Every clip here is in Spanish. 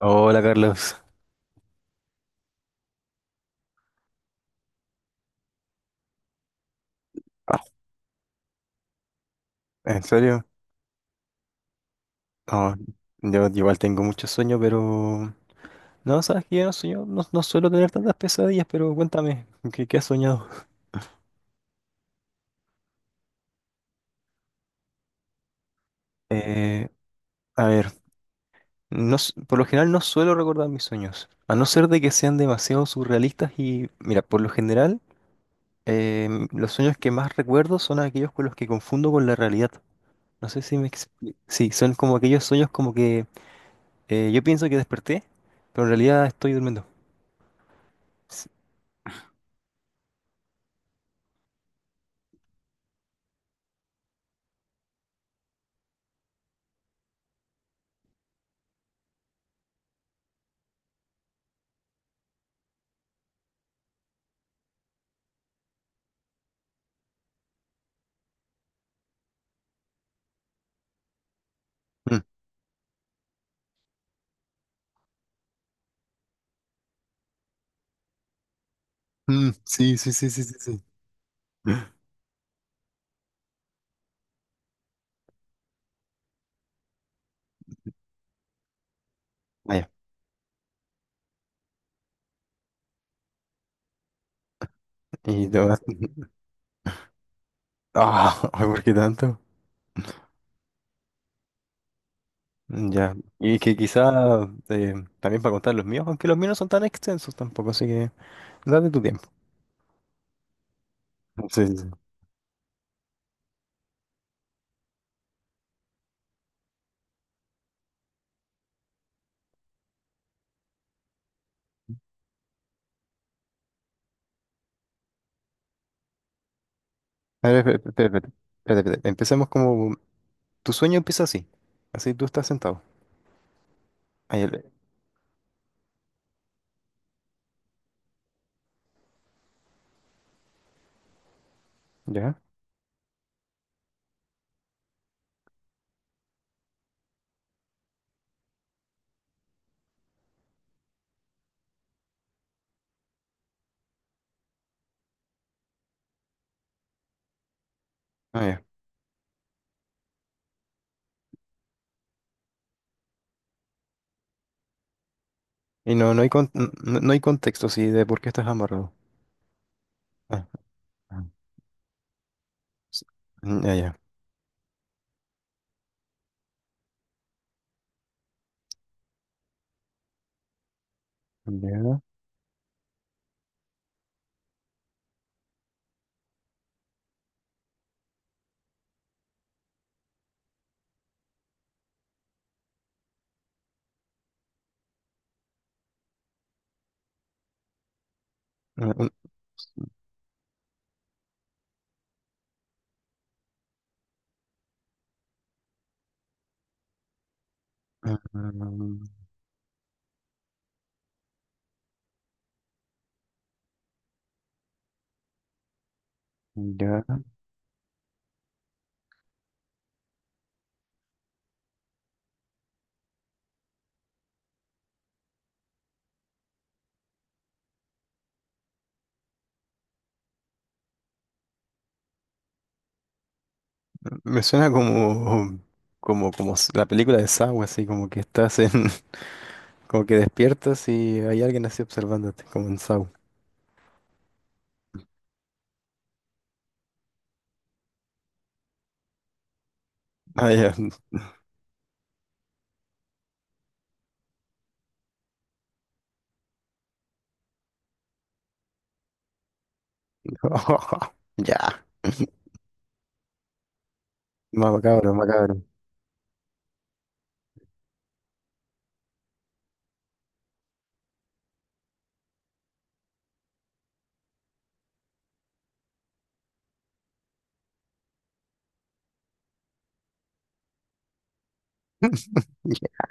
Hola Carlos. Ah, ¿en serio? No, yo igual tengo mucho sueño, pero... No, sabes que yo no, sueño- no, no suelo tener tantas pesadillas, pero cuéntame, ¿qué has soñado? Eh, a ver, no, s- por lo general no suelo recordar mis sueños, a no ser de que sean demasiado surrealistas y, mira, por lo general, los sueños que más recuerdo son aquellos con los que confundo con la realidad. No sé si me explico. Sí, son como aquellos sueños como que yo pienso que desperté, pero en realidad estoy durmiendo. Mm, sí, sí, sí, sí, sí, sí. Vaya, y te vas- Ah, ay, ¿por qué tanto? Ya. Y que quizá eh, también para contar los míos, aunque los míos no son tan extensos tampoco, así que date tu tiempo. Sí, sí, sí. A ver, espérate. Empecemos como... Tu sueño empieza así. Así tú estás sentado. Ahí el- ¿Ya? Ah, ya. Y no, no hay con- n- no, no hay contexto así de por qué estás amarrado. Ah, ah, s- Ya, ya. Ya. Ah, ah, ah, ah, Ya. Me suena como, como, como s- la película de Saw, así como que estás en, como que despiertas y hay alguien así observándote, como en Saw. Ah, ya. Ya. Más macabro, macabro. Ya,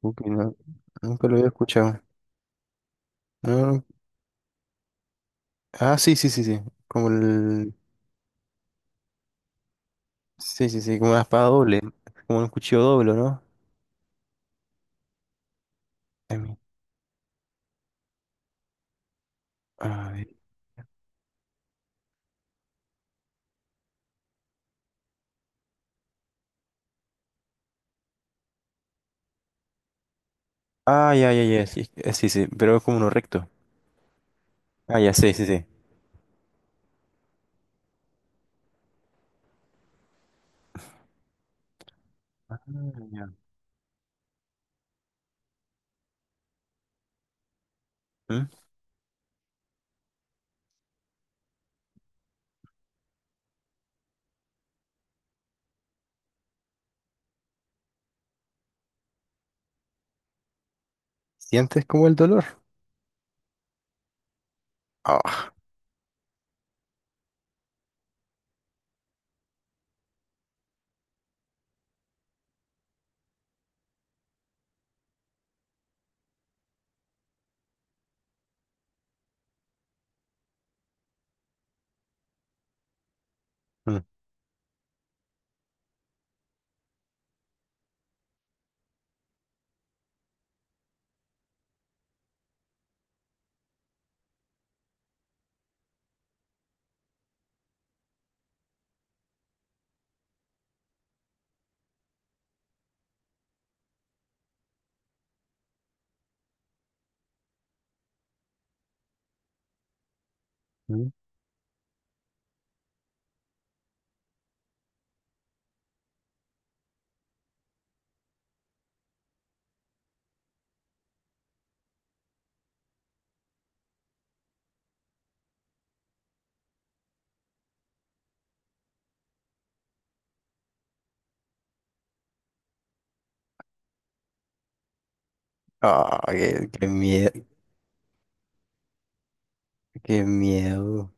ok, no, nunca lo había escuchado. No, ah, sí, sí, sí, sí. Como el. Sí, sí, sí, como una espada doble. Como un cuchillo doble, ¿no? Ay, mi- a ver. Ah, ya, ya, ya. Sí, sí, sí, pero es como uno recto. Ah, ya, sí, sí, sí. Ah, ya. ¿Mm? ¿Sientes como el dolor? Ah, ujú. Ah, qué miedo, qué miedo.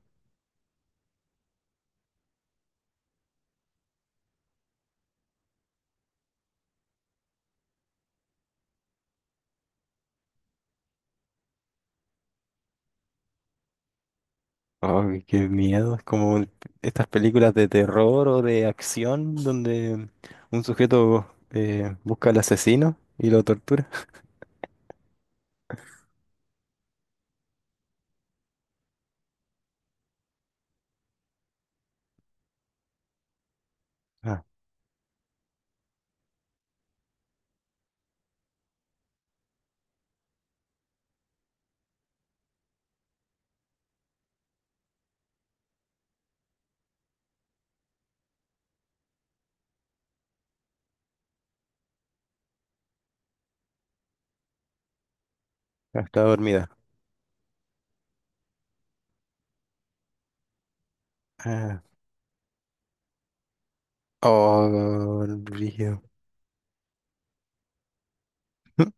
Oh, qué miedo. Es como estas películas de terror o de acción donde un sujeto busca al asesino y lo tortura. Ah, está dormida. Ah, oh, brígido. M-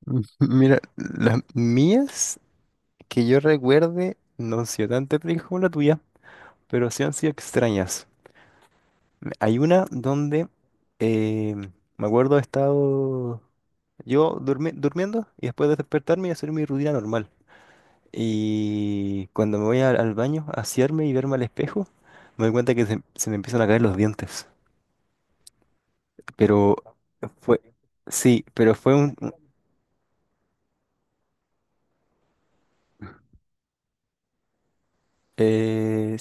Mira, las mías que yo recuerde no han sido tan terribles como la tuya, pero sí han sido extrañas. Hay una donde eh, me acuerdo he estado yo durmi- durmiendo y después de despertarme y hacer mi rutina normal. Y cuando me voy al baño a asearme y verme al espejo, me doy cuenta que se me empiezan a caer los dientes. Pero fue, sí, pero fue un, eh,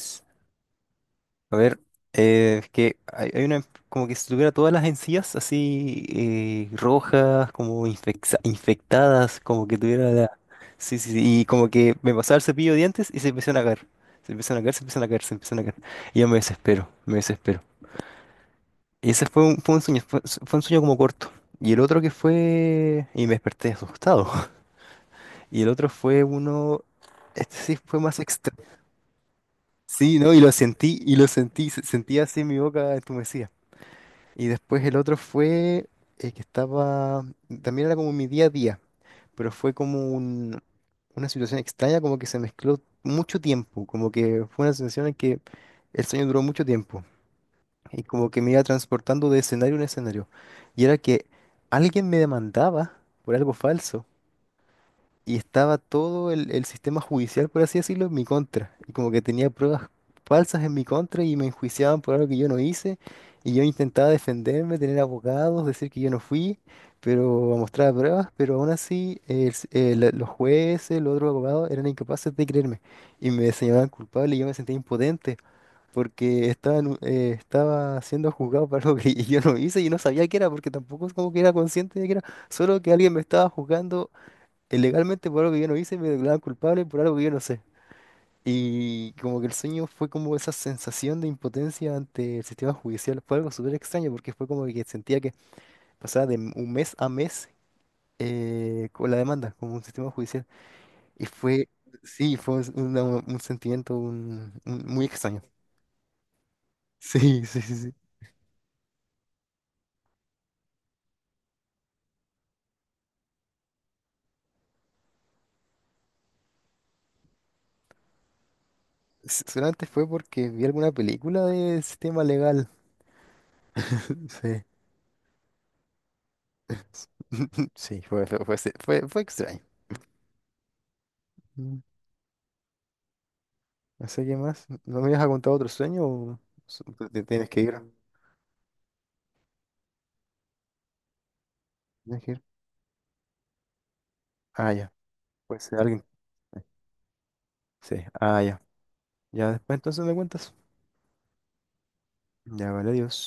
a ver, es que hay una, como que si tuviera todas las encías así rojas, como infecta- infectadas, como que tuviera la... Sí, sí, sí, y como que me pasaba el cepillo de dientes y se empezaron a caer. Se empiezan a caer, se empiezan a caer, se empiezan a caer. Y yo me desespero, me desespero. Y ese fue un sueño, fue, fue un sueño como corto. Y el otro que fue... Y me desperté asustado. Y el otro fue uno... Este sí fue más extra. Sí, ¿no? Y lo sentí, se- sentí así mi boca entumecida. Y después el otro fue que estaba, también era como mi día a día, pero fue como un- una situación extraña, como que se mezcló mucho tiempo, como que fue una sensación en que el sueño duró mucho tiempo y como que me iba transportando de escenario en escenario. Y era que alguien me demandaba por algo falso y estaba todo el sistema judicial, por así decirlo, en mi contra. Y como que tenía pruebas falsas en mi contra y me enjuiciaban por algo que yo no hice. Y yo intentaba defenderme, tener abogados, decir que yo no fui, pero a mostrar pruebas, pero aún así el s- la- los jueces, los otros abogados eran incapaces de creerme y me señalaban culpable y yo me sentía impotente porque estaba, en un- estaba siendo juzgado por algo que yo no hice y no sabía qué era porque tampoco es como que era consciente de que era, solo que alguien me estaba juzgando ilegalmente por algo que yo no hice, me declaraban culpable por algo que yo no sé. Y como que el sueño fue como esa sensación de impotencia ante el sistema judicial. Fue algo súper extraño porque fue como que sentía que pasaba de m- un mes a mes con la demanda, como un sistema judicial. Y fue, sí, fue un, una- un sentimiento un- muy extraño. Sí, sí, sí, sí. S- Solamente fue porque vi alguna película de sistema legal. Sí. Sí, fue extraño. Mm. No sé qué más. ¿No me ibas a contar otro sueño o so- te tienes que ir? Tienes que ir. Ah, ya. Puede ser alguien. Sí, ah, ya. Ya después entonces me cuentas. Ya, vale, adiós.